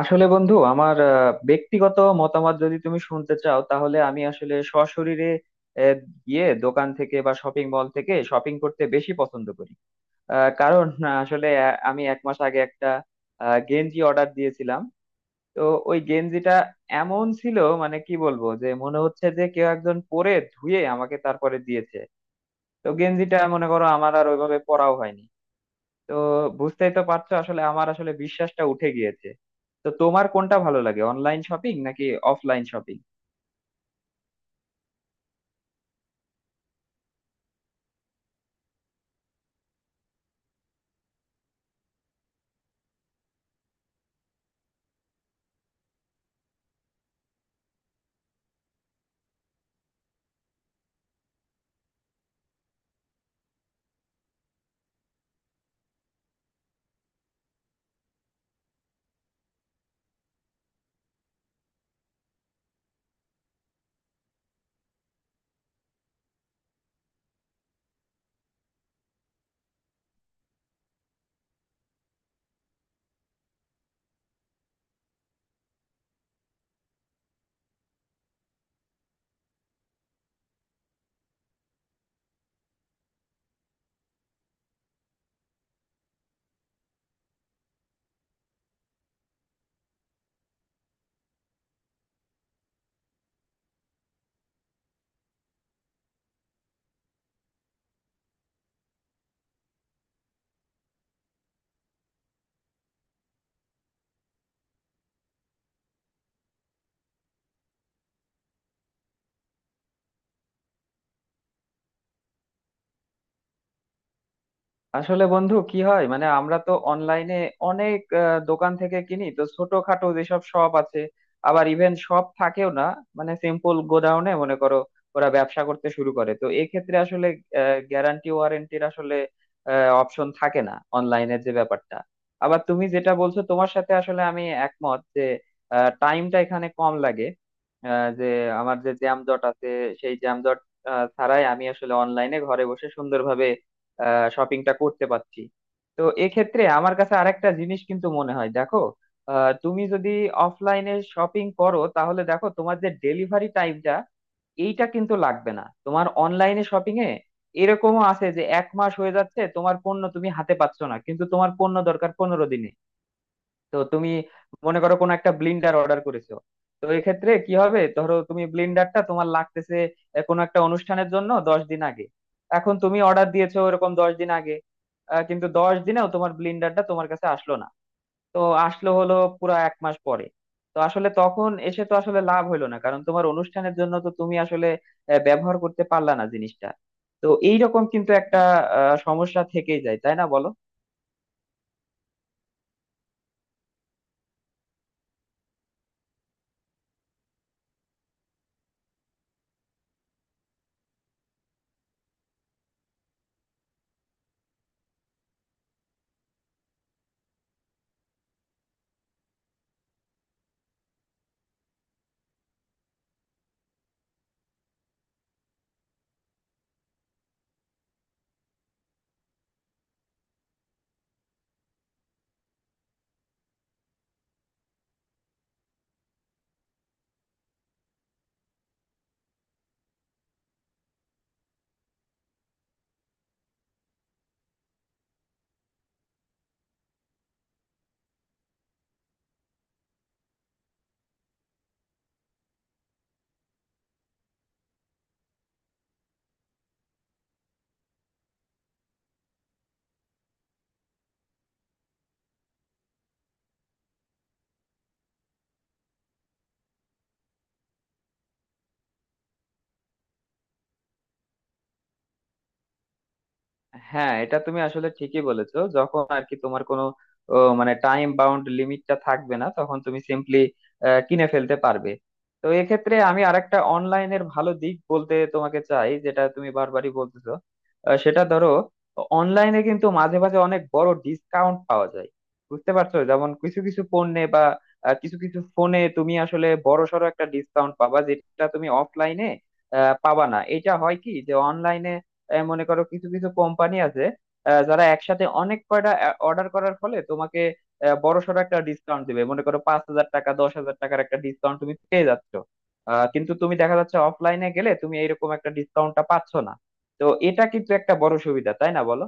আসলে বন্ধু আমার ব্যক্তিগত মতামত যদি তুমি শুনতে চাও তাহলে আমি আসলে সশরীরে আহ, গিয়ে দোকান থেকে বা শপিং মল থেকে শপিং করতে বেশি পছন্দ করি। কারণ আসলে আমি এক মাস আগে একটা গেঞ্জি অর্ডার দিয়েছিলাম। তো ওই গেঞ্জিটা এমন ছিল মানে কি বলবো যে মনে হচ্ছে যে কেউ একজন পরে ধুয়ে আমাকে তারপরে দিয়েছে। তো গেঞ্জিটা মনে করো আমার আর ওইভাবে পরাও হয়নি। তো বুঝতেই তো পারছো আসলে আমার আসলে বিশ্বাসটা উঠে গিয়েছে। তো তোমার কোনটা ভালো লাগে, অনলাইন শপিং নাকি অফলাইন শপিং? আসলে বন্ধু কি হয় মানে আমরা তো অনলাইনে অনেক দোকান থেকে কিনি, তো ছোটখাটো যেসব শপ আছে আবার ইভেন শপ থাকেও না, মানে সিম্পল গোডাউনে মনে করো ওরা ব্যবসা করতে শুরু করে, তো এক্ষেত্রে আসলে গ্যারান্টি ওয়ারেন্টির আসলে অপশন থাকে না অনলাইনের যে ব্যাপারটা। আবার তুমি যেটা বলছো তোমার সাথে আসলে আমি একমত যে টাইমটা এখানে কম লাগে। যে আমার যে জ্যাম জট আছে সেই জ্যাম জট ছাড়াই আমি আসলে অনলাইনে ঘরে বসে সুন্দরভাবে শপিংটা করতে পারছি। তো এক্ষেত্রে আমার কাছে আরেকটা জিনিস কিন্তু মনে হয় দেখো, তুমি যদি অফলাইনে শপিং করো তাহলে দেখো তোমার যে ডেলিভারি টাইমটা এইটা কিন্তু লাগবে না তোমার অনলাইনে শপিং এ। এরকমও আছে যে এক মাস হয়ে যাচ্ছে তোমার পণ্য তুমি হাতে পাচ্ছ না, কিন্তু তোমার পণ্য দরকার 15 দিনে। তো তুমি মনে করো কোনো একটা ব্লিন্ডার অর্ডার করেছো, তো এক্ষেত্রে কি হবে, ধরো তুমি ব্লিন্ডারটা তোমার লাগতেছে কোনো একটা অনুষ্ঠানের জন্য 10 দিন আগে। এখন তুমি অর্ডার দিয়েছো ওরকম 10 দিন আগে, কিন্তু 10 দিনেও তোমার ব্লিন্ডারটা তোমার কাছে আসলো না। তো আসলো হলো পুরো এক মাস পরে। তো আসলে তখন এসে তো আসলে লাভ হইলো না, কারণ তোমার অনুষ্ঠানের জন্য তো তুমি আসলে ব্যবহার করতে পারলা না জিনিসটা। তো এইরকম কিন্তু একটা সমস্যা থেকেই যায়, তাই না বলো? হ্যাঁ, এটা তুমি আসলে ঠিকই বলেছো, যখন আর কি তোমার কোনো মানে টাইম বাউন্ড লিমিটটা থাকবে না তখন তুমি সিম্পলি কিনে ফেলতে পারবে। তো এক্ষেত্রে আমি আরেকটা অনলাইনের ভালো দিক বলতে তোমাকে চাই, যেটা তুমি বারবারই বলতেছো। সেটা ধরো অনলাইনে কিন্তু মাঝে মাঝে অনেক বড় ডিসকাউন্ট পাওয়া যায়। বুঝতে পারছো, যেমন কিছু কিছু পণ্যে বা কিছু কিছু ফোনে তুমি আসলে বড়সড় একটা ডিসকাউন্ট পাবা যেটা তুমি অফলাইনে পাবা না। এটা হয় কি যে অনলাইনে মনে করো কিছু কিছু কোম্পানি আছে যারা একসাথে অনেক কয়টা অর্ডার করার ফলে তোমাকে বড়সড় একটা ডিসকাউন্ট দিবে, মনে করো 5,000 টাকা 10,000 টাকার একটা ডিসকাউন্ট তুমি পেয়ে যাচ্ছ। কিন্তু তুমি দেখা যাচ্ছে অফলাইনে গেলে তুমি এইরকম একটা ডিসকাউন্টটা পাচ্ছ না। তো এটা কিন্তু একটা বড় সুবিধা, তাই না বলো?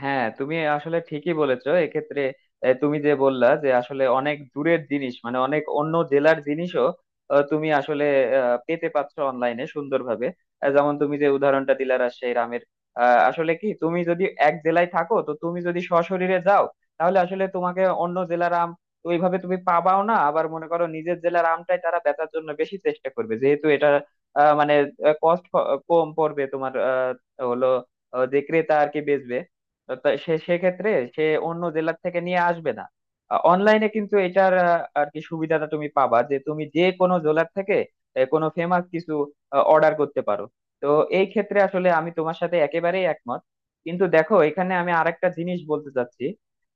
হ্যাঁ, তুমি আসলে ঠিকই বলেছো এক্ষেত্রে। তুমি যে বললা যে আসলে অনেক দূরের জিনিস মানে অনেক অন্য জেলার জিনিসও তুমি আসলে পেতে পাচ্ছ অনলাইনে সুন্দরভাবে। যেমন তুমি যে উদাহরণটা দিলা রাজশাহীর আমের, আসলে কি তুমি যদি এক জেলায় থাকো তো তুমি যদি সশরীরে যাও তাহলে আসলে তোমাকে অন্য জেলার আম ওইভাবে তুমি পাবাও না। আবার মনে করো নিজের জেলার আমটাই তারা বেচার জন্য বেশি চেষ্টা করবে যেহেতু এটা মানে কস্ট কম পড়বে তোমার। হলো যে ক্রেতা আর কি বেচবে তা সে সেক্ষেত্রে সে অন্য জেলার থেকে নিয়ে আসবে না। অনলাইনে কিন্তু এটার আর কি সুবিধাটা তুমি পাবা যে তুমি যে কোনো জেলার থেকে কোনো ফেমাস কিছু অর্ডার করতে পারো। তো এই ক্ষেত্রে আসলে আমি তোমার সাথে একেবারেই একমত। কিন্তু দেখো এখানে আমি আরেকটা জিনিস বলতে চাচ্ছি,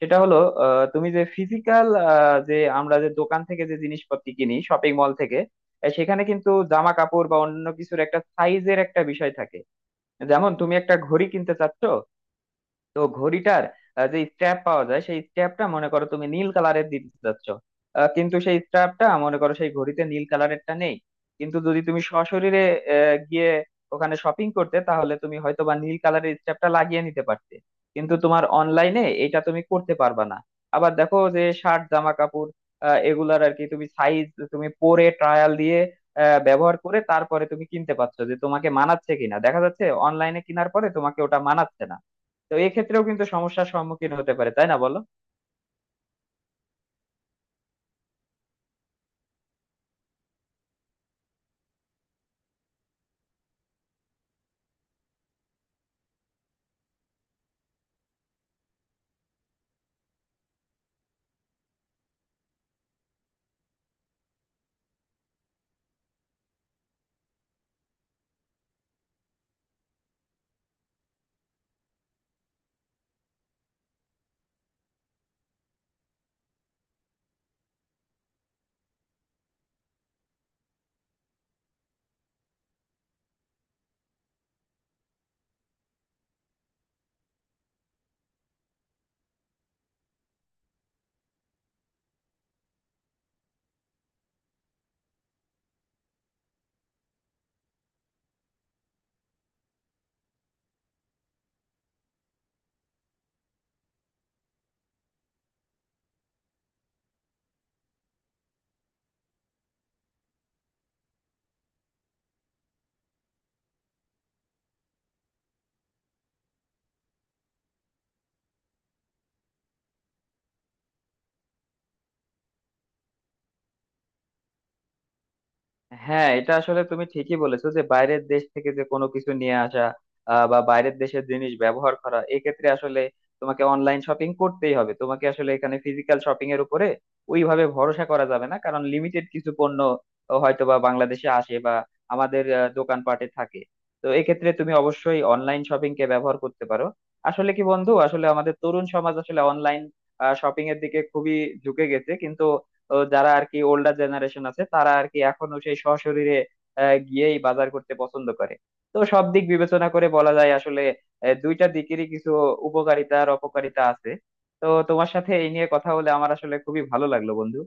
সেটা হলো, তুমি যে ফিজিক্যাল যে আমরা যে দোকান থেকে যে জিনিসপত্র কিনি শপিং মল থেকে, সেখানে কিন্তু জামা কাপড় বা অন্য কিছুর একটা সাইজের একটা বিষয় থাকে। যেমন তুমি একটা ঘড়ি কিনতে চাচ্ছ, তো ঘড়িটার যে স্ট্র্যাপ পাওয়া যায় সেই স্ট্র্যাপটা মনে করো তুমি নীল কালারের দিতে চাচ্ছ, কিন্তু সেই স্ট্র্যাপটা মনে করো সেই ঘড়িতে নীল কালারেরটা নেই। কিন্তু যদি তুমি সশরীরে গিয়ে ওখানে শপিং করতে তাহলে তুমি হয়তো বা নীল কালারের স্ট্র্যাপটা লাগিয়ে নিতে পারতে। কিন্তু তোমার অনলাইনে এটা তুমি করতে পারবা না। আবার দেখো যে শার্ট জামা কাপড় এগুলার আর কি তুমি সাইজ তুমি পরে ট্রায়াল দিয়ে ব্যবহার করে তারপরে তুমি কিনতে পারছো যে তোমাকে মানাচ্ছে কিনা। দেখা যাচ্ছে অনলাইনে কেনার পরে তোমাকে ওটা মানাচ্ছে না। তো এক্ষেত্রেও কিন্তু সমস্যার সম্মুখীন হতে পারে, তাই না বলো? হ্যাঁ, এটা আসলে তুমি ঠিকই বলেছো যে বাইরের দেশ থেকে যে কোনো কিছু নিয়ে আসা বা বাইরের দেশের জিনিস ব্যবহার করা, এক্ষেত্রে আসলে তোমাকে অনলাইন শপিং করতেই হবে। তোমাকে আসলে এখানে ফিজিক্যাল শপিং এর উপরে ওইভাবে ভরসা করা যাবে না, কারণ লিমিটেড কিছু পণ্য হয়তো বা বাংলাদেশে আসে বা আমাদের দোকানপাটে থাকে। তো এক্ষেত্রে তুমি অবশ্যই অনলাইন শপিং কে ব্যবহার করতে পারো। আসলে কি বন্ধু, আসলে আমাদের তরুণ সমাজ আসলে অনলাইন শপিং এর দিকে খুবই ঝুঁকে গেছে, কিন্তু যারা আর কি ওল্ডার জেনারেশন আছে তারা আর কি এখনো সেই সশরীরে গিয়েই বাজার করতে পছন্দ করে। তো সব দিক বিবেচনা করে বলা যায় আসলে দুইটা দিকেরই কিছু উপকারিতা আর অপকারিতা আছে। তো তোমার সাথে এই নিয়ে কথা বলে আমার আসলে খুবই ভালো লাগলো বন্ধু।